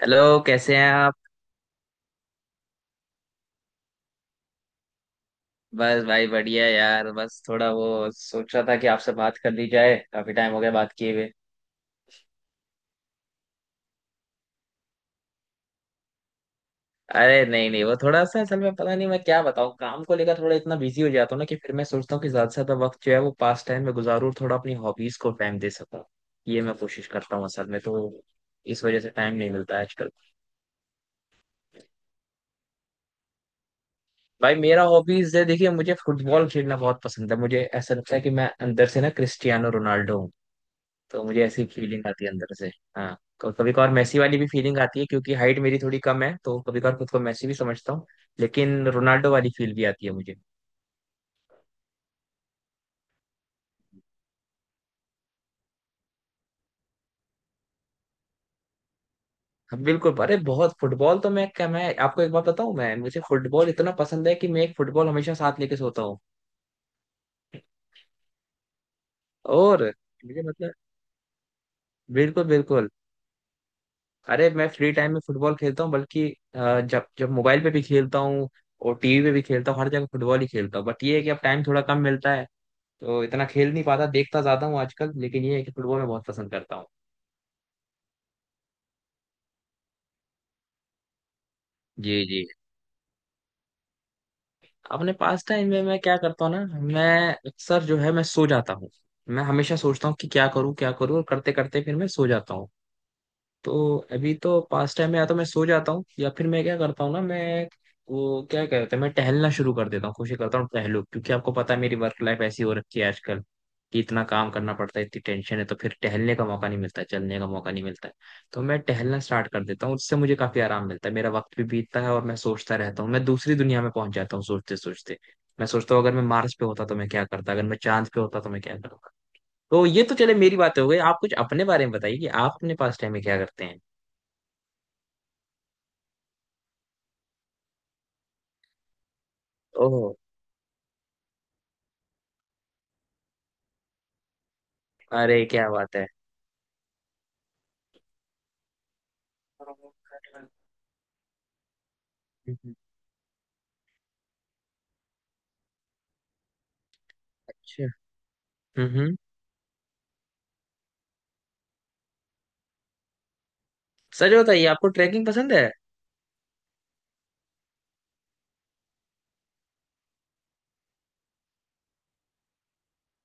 Hello, कैसे हैं आप? बस भाई, बढ़िया यार। बस थोड़ा वो सोच रहा था कि आपसे बात कर ली जाए, काफी टाइम हो गया बात किए हुए। अरे नहीं नहीं, वो थोड़ा सा असल में, पता नहीं मैं क्या बताऊँ, काम को लेकर थोड़ा इतना बिजी हो जाता हूँ ना कि फिर मैं सोचता हूँ कि ज्यादा से ज्यादा वक्त जो है वो पास टाइम में गुजारूँ और थोड़ा अपनी हॉबीज को टाइम दे सकूँ। ये मैं कोशिश करता हूँ असल में तो। इस वजह से टाइम नहीं मिलता है आजकल। भाई, मेरा हॉबीज है, देखिए, मुझे फुटबॉल खेलना बहुत पसंद है। मुझे ऐसा लगता है कि मैं अंदर से ना क्रिस्टियानो रोनाल्डो हूँ। तो मुझे ऐसी फीलिंग आती है अंदर से। हाँ, कभी कभार मैसी वाली भी फीलिंग आती है, क्योंकि हाइट मेरी थोड़ी कम है, तो कभी कभार खुद को मैसी भी समझता हूँ। लेकिन रोनाल्डो वाली फील भी आती है मुझे। हाँ बिल्कुल, अरे बहुत फुटबॉल तो, मैं क्या, मैं आपको एक बात बताऊँ, मैं मुझे फुटबॉल इतना पसंद है कि मैं एक फुटबॉल हमेशा साथ लेके सोता हूँ। और मुझे मतलब, बिल्कुल बिल्कुल। अरे मैं फ्री टाइम में फुटबॉल खेलता हूँ, बल्कि जब जब मोबाइल पे भी खेलता हूँ और टीवी पे भी खेलता हूँ, हर जगह फुटबॉल ही खेलता हूँ। बट ये है कि अब टाइम थोड़ा कम मिलता है, तो इतना खेल नहीं पाता, देखता ज्यादा हूँ आजकल। लेकिन ये है कि फुटबॉल मैं बहुत पसंद करता हूँ। जी जी। अपने पास टाइम में मैं क्या करता हूँ ना, मैं अक्सर जो है मैं सो जाता हूँ। मैं हमेशा सोचता हूँ कि क्या करूँ क्या करूँ, और करते करते फिर मैं सो जाता हूँ। तो अभी तो पास टाइम में या तो मैं सो जाता हूँ, या फिर मैं क्या करता हूँ ना, मैं, वो क्या कहते हैं, मैं टहलना शुरू कर देता हूँ, कोशिश करता हूँ टहलूं, क्योंकि आपको पता है मेरी वर्क लाइफ ऐसी हो रखी है आजकल कि इतना काम करना पड़ता है, इतनी टेंशन है, तो फिर टहलने का मौका नहीं मिलता है, चलने का मौका नहीं मिलता है। तो मैं टहलना स्टार्ट कर देता हूँ, उससे मुझे काफी आराम मिलता है, मेरा वक्त भी बीतता है, और मैं सोचता रहता हूँ, मैं दूसरी दुनिया में पहुंच जाता हूँ सोचते सोचते। मैं सोचता हूँ अगर मैं मार्स पे होता तो मैं क्या करता, अगर मैं चांद पे होता तो मैं क्या करता। तो ये तो चले, मेरी बातें हो गई, आप कुछ अपने बारे में बताइए कि आप अपने पास टाइम में क्या करते हैं। ओह। अरे क्या बात है। हम्म। अच्छा। हम्म हम्म। सच बताइए, आपको ट्रैकिंग पसंद है?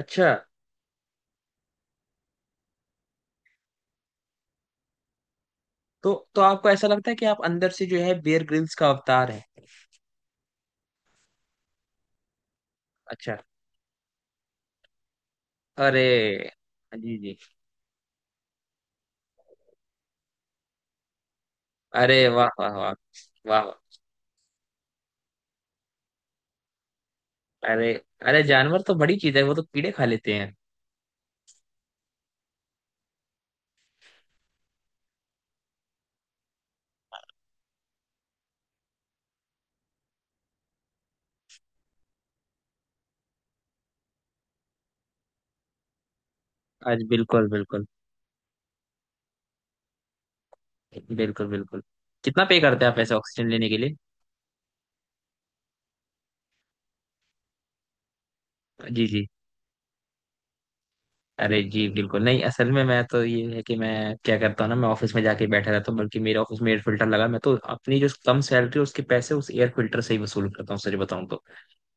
अच्छा। तो आपको ऐसा लगता है कि आप अंदर से जो है बियर ग्रिल्स का अवतार है? अच्छा। अरे, जी जी। अरे वाह वाह वाह। वाह वाह। अरे, अरे जानवर तो बड़ी चीज है, वो तो कीड़े खा लेते हैं। आज बिल्कुल बिल्कुल। बिल्कुल बिल्कुल। कितना पे करते हैं आप ऐसे ऑक्सीजन लेने के लिए? जी जी। अरे जी बिल्कुल नहीं, असल में मैं तो ये है कि मैं क्या करता हूँ ना, मैं ऑफिस में जाके बैठा रहता हूँ, बल्कि मेरे ऑफिस में एयर फिल्टर लगा, मैं तो अपनी जो कम सैलरी है उसके पैसे उस एयर फिल्टर से ही वसूल करता हूँ, सच बताऊँ तो।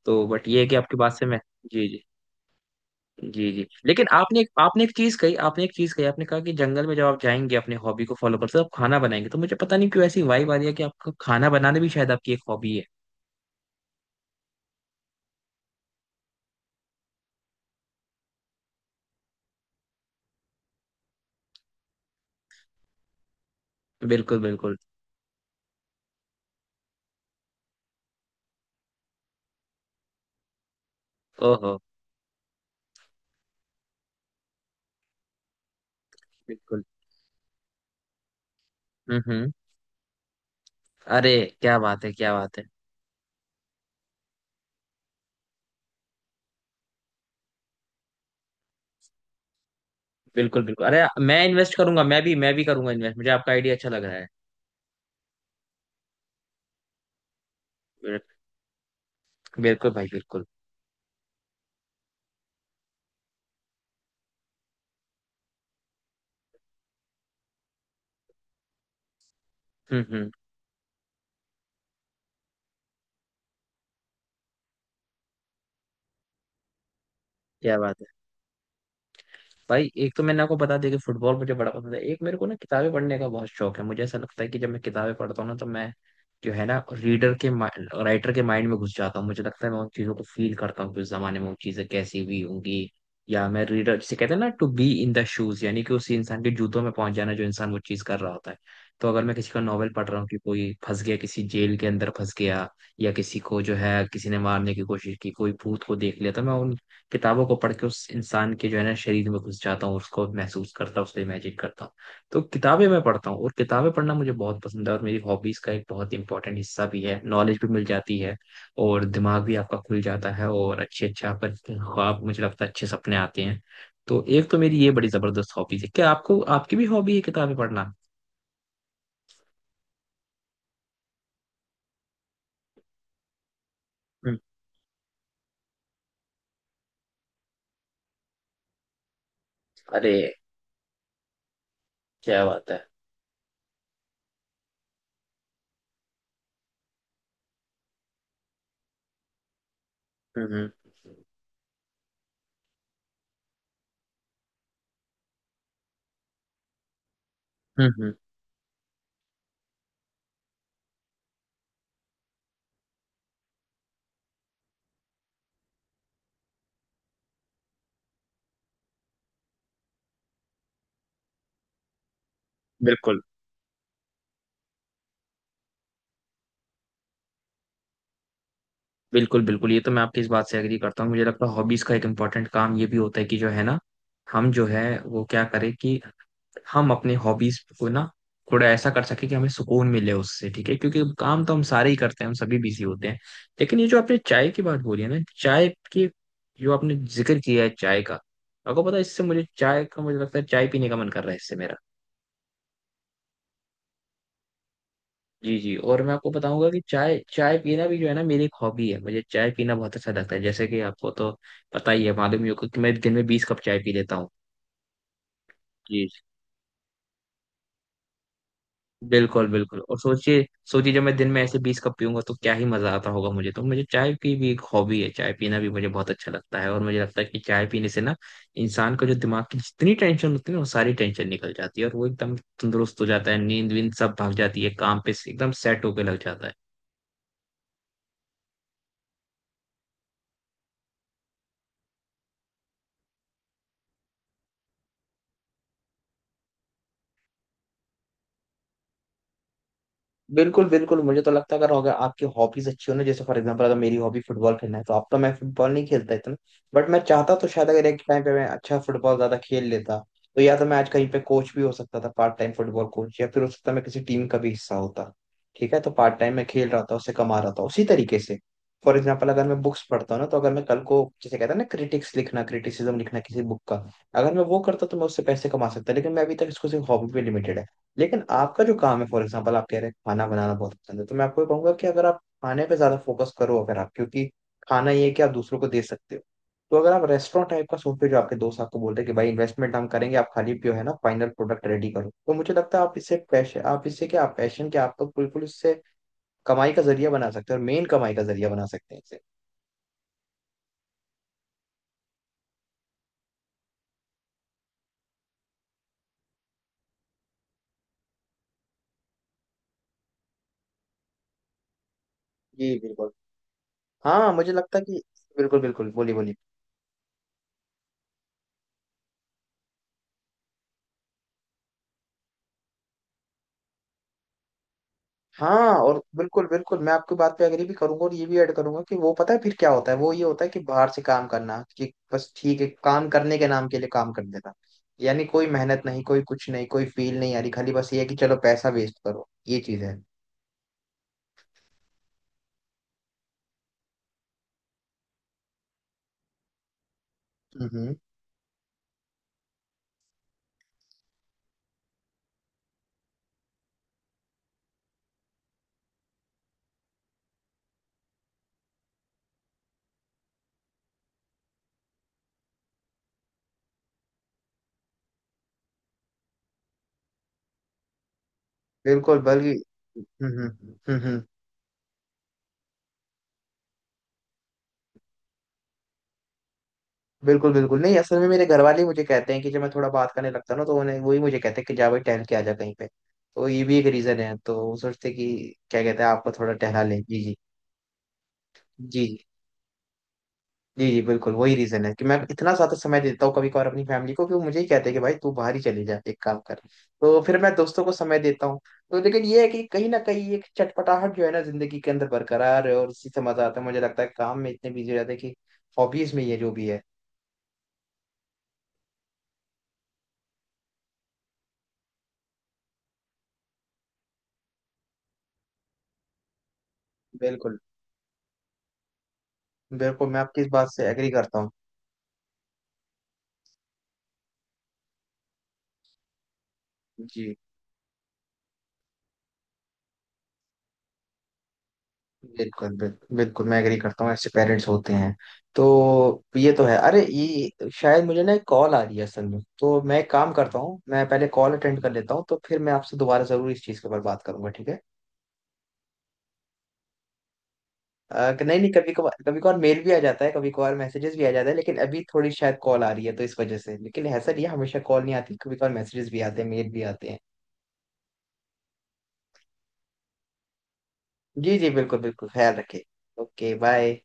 तो बट ये है कि आपकी बात से मैं, जी जी। जी जी, लेकिन आपने एक चीज कही। आपने कहा कि जंगल में जब आप जाएंगे, अपने हॉबी को फॉलो करते हो, आप खाना बनाएंगे, तो मुझे पता नहीं क्यों ऐसी वाइब आ रही है कि आपका खाना बनाना भी शायद आपकी एक हॉबी है। बिल्कुल बिल्कुल। ओहो। बिल्कुल। हम्म। अरे क्या बात है, क्या बात है। बिल्कुल बिल्कुल, अरे मैं इन्वेस्ट करूंगा, मैं भी करूंगा इन्वेस्ट, मुझे आपका आइडिया अच्छा लग रहा है। बिल्कुल भाई बिल्कुल। हम्म। क्या बात है। भाई, एक तो मैंने आपको बता दिया कि फुटबॉल मुझे बड़ा पसंद है। एक मेरे को ना किताबें पढ़ने का बहुत शौक है। मुझे ऐसा लगता है कि जब मैं किताबें पढ़ता हूँ ना, तो मैं जो है ना रीडर के माइंड, राइटर के माइंड में घुस जाता हूँ, मुझे लगता है मैं उन चीज़ों को फील करता हूँ कि उस जमाने में वो चीज़ें कैसी हुई होंगी। या मैं रीडर, जिसे कहते हैं ना to be in the shoes, यानी कि उसी इंसान के जूतों में पहुंच जाना, जो इंसान वो चीज़ कर रहा होता है। तो अगर मैं किसी का नॉवल पढ़ रहा हूँ कि कोई फंस गया, किसी जेल के अंदर फंस गया, या किसी को जो है किसी ने मारने की कोशिश की, कोई भूत को देख लिया, तो मैं उन किताबों को पढ़ के उस इंसान के जो है ना शरीर में घुस जाता हूँ, उसको महसूस करता हूँ, उसको इमेजिन करता हूँ। तो किताबें मैं पढ़ता हूँ, और किताबें पढ़ना मुझे बहुत पसंद है, और मेरी हॉबीज का एक बहुत इंपॉर्टेंट हिस्सा भी है, नॉलेज भी मिल जाती है और दिमाग भी आपका खुल जाता है, और अच्छे अच्छे आपका ख्वाब, मुझे लगता है अच्छे सपने आते हैं। तो एक तो मेरी ये बड़ी जबरदस्त हॉबीज है। क्या आपको, आपकी भी हॉबी है किताबें पढ़ना? हम्म। अरे क्या बात है। हम्म हम्म हम्म। बिल्कुल बिल्कुल बिल्कुल, ये तो मैं आपकी इस बात से एग्री करता हूँ। मुझे लगता है हॉबीज का एक इम्पॉर्टेंट काम ये भी होता है कि जो है ना, हम जो है वो क्या करें कि हम अपने हॉबीज को ना थोड़ा ऐसा कर सके कि हमें सुकून मिले उससे। ठीक है, क्योंकि काम तो हम सारे ही करते हैं, हम सभी बिजी होते हैं। लेकिन ये जो आपने चाय की बात बोली है ना, चाय की, जो आपने जिक्र किया है चाय का, आपको पता है इससे मुझे, चाय का, मुझे लगता है चाय पीने का मन कर रहा है इससे मेरा। जी जी, और मैं आपको बताऊंगा कि चाय चाय पीना भी जो है ना मेरी एक हॉबी है। मुझे चाय पीना बहुत अच्छा लगता है, जैसे कि आपको तो पता ही है, मालूम ही होगा कि मैं दिन में 20 कप चाय पी लेता हूँ। जी जी, बिल्कुल बिल्कुल, और सोचिए सोचिए, जब मैं दिन में ऐसे 20 कप पीऊंगा तो क्या ही मजा आता होगा। मुझे तो, मुझे चाय की भी एक हॉबी है, चाय पीना भी मुझे बहुत अच्छा लगता है। और मुझे लगता है कि चाय पीने से ना इंसान का जो दिमाग की जितनी टेंशन होती है ना, वो सारी टेंशन निकल जाती है, और वो एकदम तंदुरुस्त हो जाता है, नींद वींद सब भाग जाती है, काम पे एकदम सेट होके लग जाता है। बिल्कुल बिल्कुल, मुझे तो लगता है अगर अगर आपकी हॉबीज अच्छी हो ना, जैसे फॉर एग्जांपल अगर मेरी हॉबी फुटबॉल खेलना है, तो अब तो मैं फुटबॉल नहीं खेलता इतना। बट मैं चाहता तो शायद, अगर एक टाइम पे मैं अच्छा फुटबॉल ज्यादा खेल लेता, तो या तो मैं आज कहीं पे कोच भी हो सकता था, पार्ट टाइम फुटबॉल कोच, या फिर हो सकता मैं किसी टीम का भी हिस्सा होता। ठीक है, तो पार्ट टाइम मैं खेल रहा था, उससे कमा रहा था, उसी तरीके से। फॉर एग्जाम्पल अगर मैं बुक्स पढ़ता हूँ ना, तो अगर मैं कल को जैसे कहता है ना क्रिटिक्स लिखना, क्रिटिसिज्म लिखना किसी बुक का, अगर मैं वो करता तो मैं उससे पैसे कमा सकता, लेकिन मैं अभी तक इसको सिर्फ हॉबी पे लिमिटेड है। लेकिन आपका जो काम है, फॉर एग्जाम्पल आप कह रहे हैं खाना बनाना बहुत पसंद है, तो मैं आपको ये कहूंगा कि अगर आप खाने पे ज्यादा फोकस करो, अगर आप, क्योंकि खाना ये है कि आप दूसरों को दे सकते हो, तो अगर आप रेस्टोरेंट टाइप का सोचते हो, जो आपके दोस्त आपको बोलते हैं कि भाई इन्वेस्टमेंट हम करेंगे आप खाली पियो, है ना, फाइनल प्रोडक्ट रेडी करो, तो मुझे लगता है आप इससे पैशन, आप इससे क्या, आप पैशन क्या, आप तो बिल्कुल इससे कमाई का जरिया बना सकते हैं, और मेन कमाई का जरिया बना सकते हैं इसे। जी बिल्कुल। हाँ मुझे लगता है कि, बिल्कुल बिल्कुल, बोलिए बोलिए। हाँ, और बिल्कुल बिल्कुल, मैं आपकी बात पे एग्री भी करूंगा, और ये भी ऐड करूंगा कि वो पता है फिर क्या होता है, वो ये होता है कि बाहर से काम करना, कि बस ठीक है, काम करने के नाम के लिए काम कर देना, यानी कोई मेहनत नहीं, कोई कुछ नहीं, कोई फील नहीं आ रही, खाली बस ये है कि चलो पैसा वेस्ट करो, ये चीज है। हम्म। बिल्कुल बल्कि। हम्म हम्म हम्म, हम्म, हम्म। बिल्कुल बिल्कुल नहीं, असल में मेरे घर वाले मुझे कहते हैं कि जब मैं थोड़ा बात करने लगता हूं ना, तो उन्हें, वही मुझे कहते हैं कि जा भाई टहल के आ जा कहीं पे। तो ये भी एक रीजन है, तो वो सोचते कि क्या कहते हैं, आपको थोड़ा टहला ले, जी जी। जी जी जी बिल्कुल, वही रीजन है कि मैं इतना ज्यादा समय देता हूँ कभी कभार अपनी फैमिली को, कि वो मुझे ही कहते हैं कि भाई तू बाहर ही चले जा, एक काम कर। तो फिर मैं दोस्तों को समय देता हूँ। तो लेकिन ये है कि कहीं ना कहीं एक चटपटाहट जो है ना जिंदगी के अंदर बरकरार है, और इसी से मजा आता है। मुझे लगता है काम में इतने बिजी हो जाते हैं कि हॉबीज में ये जो भी है। बिल्कुल बिल्कुल, मैं आपकी इस बात से एग्री करता हूँ। जी। बिल्कुल बिल्कुल बिल्कुल, मैं एग्री करता हूँ, ऐसे पेरेंट्स होते हैं। तो ये तो है, अरे ये शायद मुझे ना एक कॉल आ रही है असल में, तो मैं एक काम करता हूँ, मैं पहले कॉल अटेंड कर लेता हूँ, तो फिर मैं आपसे दोबारा जरूर इस चीज़ के ऊपर बात करूंगा, ठीक है। कि नहीं नहीं, कभी कभार मेल भी आ जाता है, कभी कभार मैसेजेस भी आ जाता है, लेकिन अभी थोड़ी शायद कॉल आ रही है तो इस वजह से। लेकिन ऐसा नहीं है, हमेशा कॉल नहीं आती, कभी कभार मैसेजेस भी आते हैं, मेल भी आते हैं। जी जी बिल्कुल बिल्कुल, ख्याल रखिए। Okay bye.